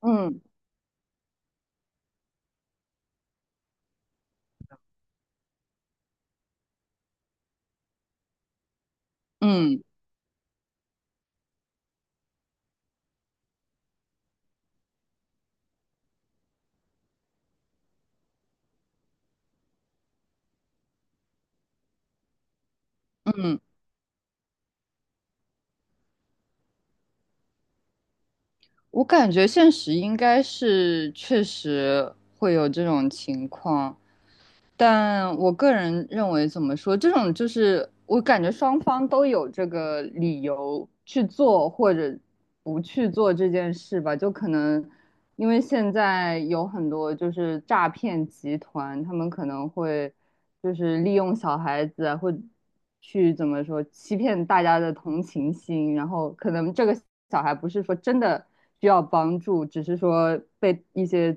嗯嗯嗯，我感觉现实应该是确实会有这种情况，但我个人认为怎么说，这种就是我感觉双方都有这个理由去做或者不去做这件事吧，就可能因为现在有很多就是诈骗集团，他们可能会。就是利用小孩子啊或去怎么说欺骗大家的同情心，然后可能这个小孩不是说真的需要帮助，只是说被一些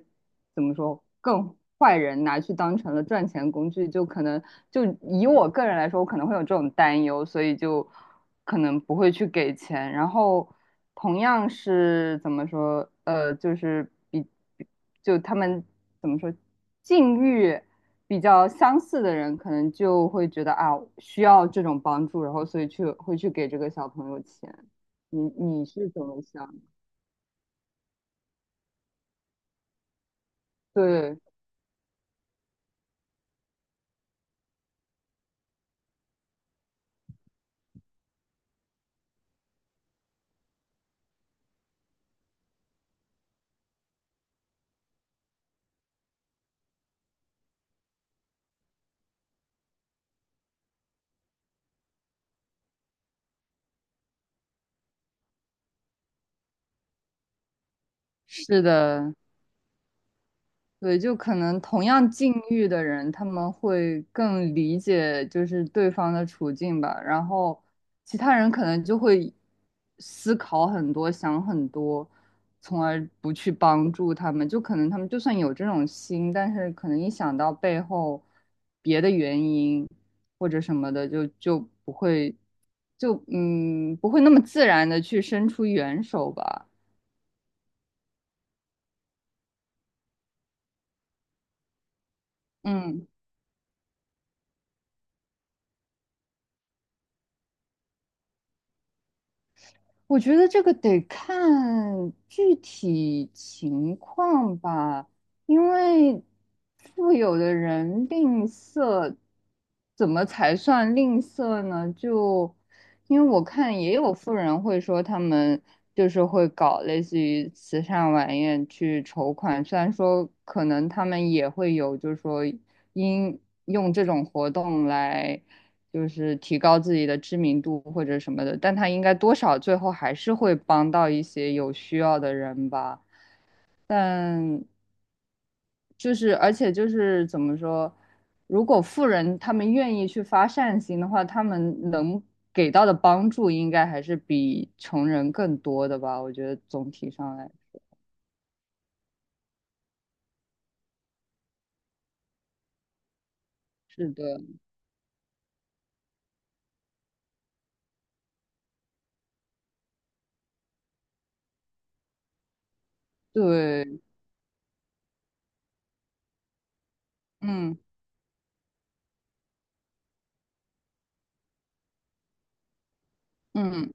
怎么说更坏人拿去当成了赚钱工具，就可能就以我个人来说，我可能会有这种担忧，所以就可能不会去给钱，然后。同样是怎么说？就是他们怎么说，境遇比较相似的人，可能就会觉得啊，需要这种帮助，然后所以去会去给这个小朋友钱。你是怎么想？对，是的，对，就可能同样境遇的人，他们会更理解就是对方的处境吧，然后其他人可能就会思考很多，想很多，从而不去帮助他们。就可能他们就算有这种心，但是可能一想到背后别的原因或者什么的，就不会，就不会那么自然的去伸出援手吧。嗯。我觉得这个得看具体情况吧，因为富有的人吝啬，怎么才算吝啬呢？就因为我看也有富人会说他们就是会搞类似于慈善晚宴去筹款，虽然说可能他们也会有，就是说因用这种活动来。就是提高自己的知名度或者什么的，但他应该多少最后还是会帮到一些有需要的人吧。但就是而且就是怎么说，如果富人他们愿意去发善心的话，他们能给到的帮助应该还是比穷人更多的吧。我觉得总体上来，是的，对，嗯嗯，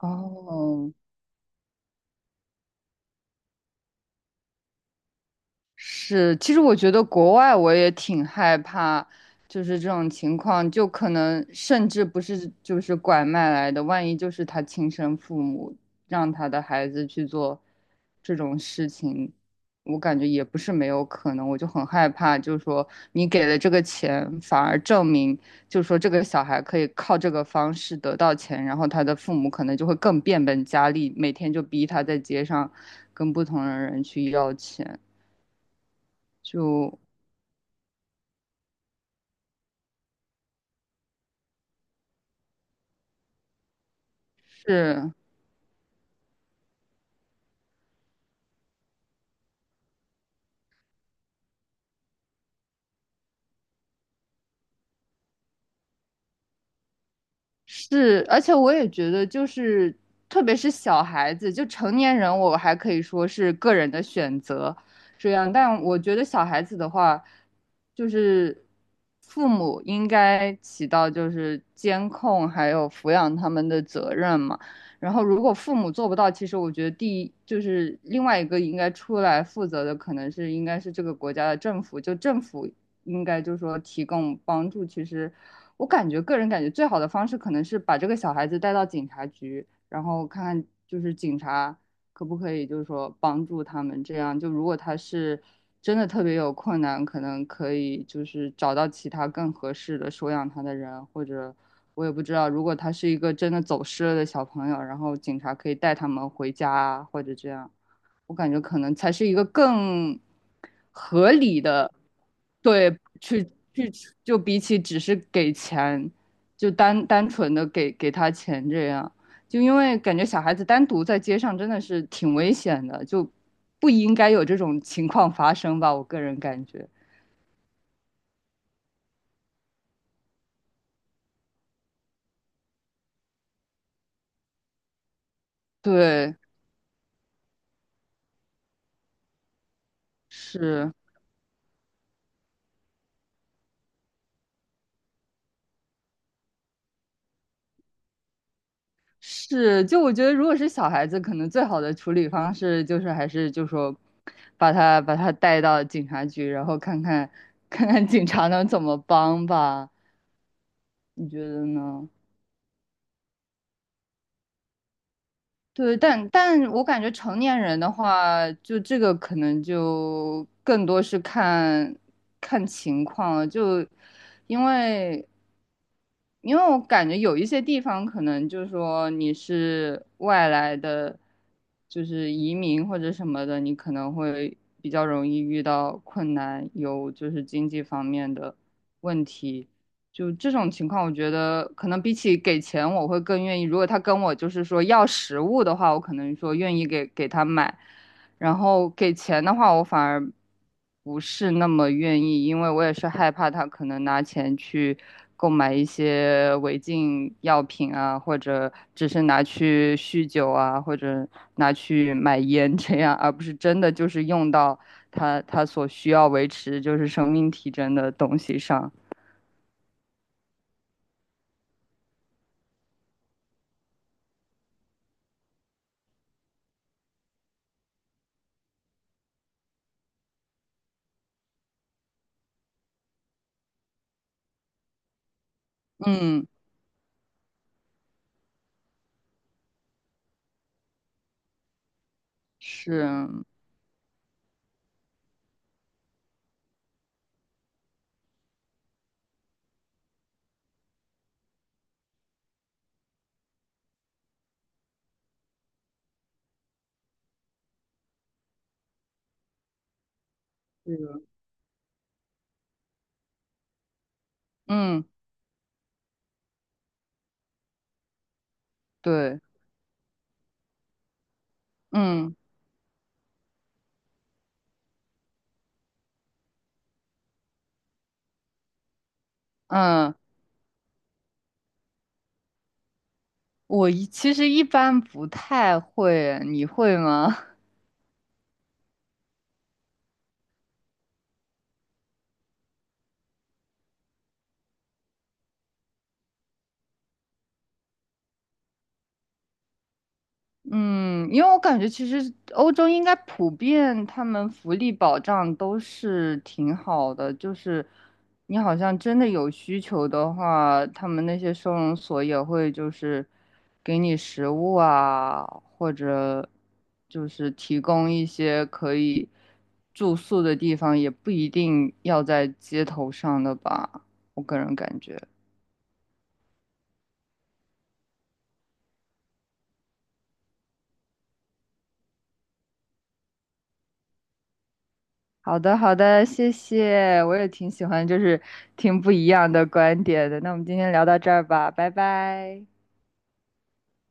哦。是，其实我觉得国外我也挺害怕，就是这种情况，就可能甚至不是就是拐卖来的，万一就是他亲生父母让他的孩子去做这种事情，我感觉也不是没有可能，我就很害怕，就是说你给了这个钱，反而证明就是说这个小孩可以靠这个方式得到钱，然后他的父母可能就会更变本加厉，每天就逼他在街上跟不同的人去要钱。就是是，而且我也觉得，就是特别是小孩子，就成年人，我还可以说是个人的选择这样，但我觉得小孩子的话，就是父母应该起到就是监控还有抚养他们的责任嘛。然后如果父母做不到，其实我觉得第一就是另外一个应该出来负责的，可能是应该是这个国家的政府，就政府应该就是说提供帮助。其实我感觉个人感觉最好的方式可能是把这个小孩子带到警察局，然后看看就是警察可不可以就是说帮助他们。这样就如果他是真的特别有困难，可能可以就是找到其他更合适的收养他的人，或者我也不知道，如果他是一个真的走失了的小朋友，然后警察可以带他们回家啊，或者这样。我感觉可能才是一个更合理的，对，去去就比起只是给钱，就单纯的给他钱这样，就因为感觉小孩子单独在街上真的是挺危险的，就不应该有这种情况发生吧，我个人感觉，对，是。是，就我觉得，如果是小孩子，可能最好的处理方式就是还是就说，把他带到警察局，然后看看 看看警察能怎么帮吧。你觉得呢？对，但但我感觉成年人的话，就这个可能就更多是看情况了，就因为因为我感觉有一些地方可能就是说你是外来的，就是移民或者什么的，你可能会比较容易遇到困难，有就是经济方面的问题。就这种情况，我觉得可能比起给钱，我会更愿意。如果他跟我就是说要食物的话，我可能说愿意给他买，然后给钱的话，我反而不是那么愿意，因为我也是害怕他可能拿钱去购买一些违禁药品啊，或者只是拿去酗酒啊，或者拿去买烟这样，而不是真的就是用到他所需要维持就是生命体征的东西上。嗯。是，嗯嗯，对，嗯嗯，我其实一般不太会，你会吗？嗯，因为我感觉其实欧洲应该普遍他们福利保障都是挺好的，就是你好像真的有需求的话，他们那些收容所也会就是给你食物啊，或者就是提供一些可以住宿的地方，也不一定要在街头上的吧，我个人感觉。好的，好的，谢谢，我也挺喜欢，就是听不一样的观点的。那我们今天聊到这儿吧，拜拜。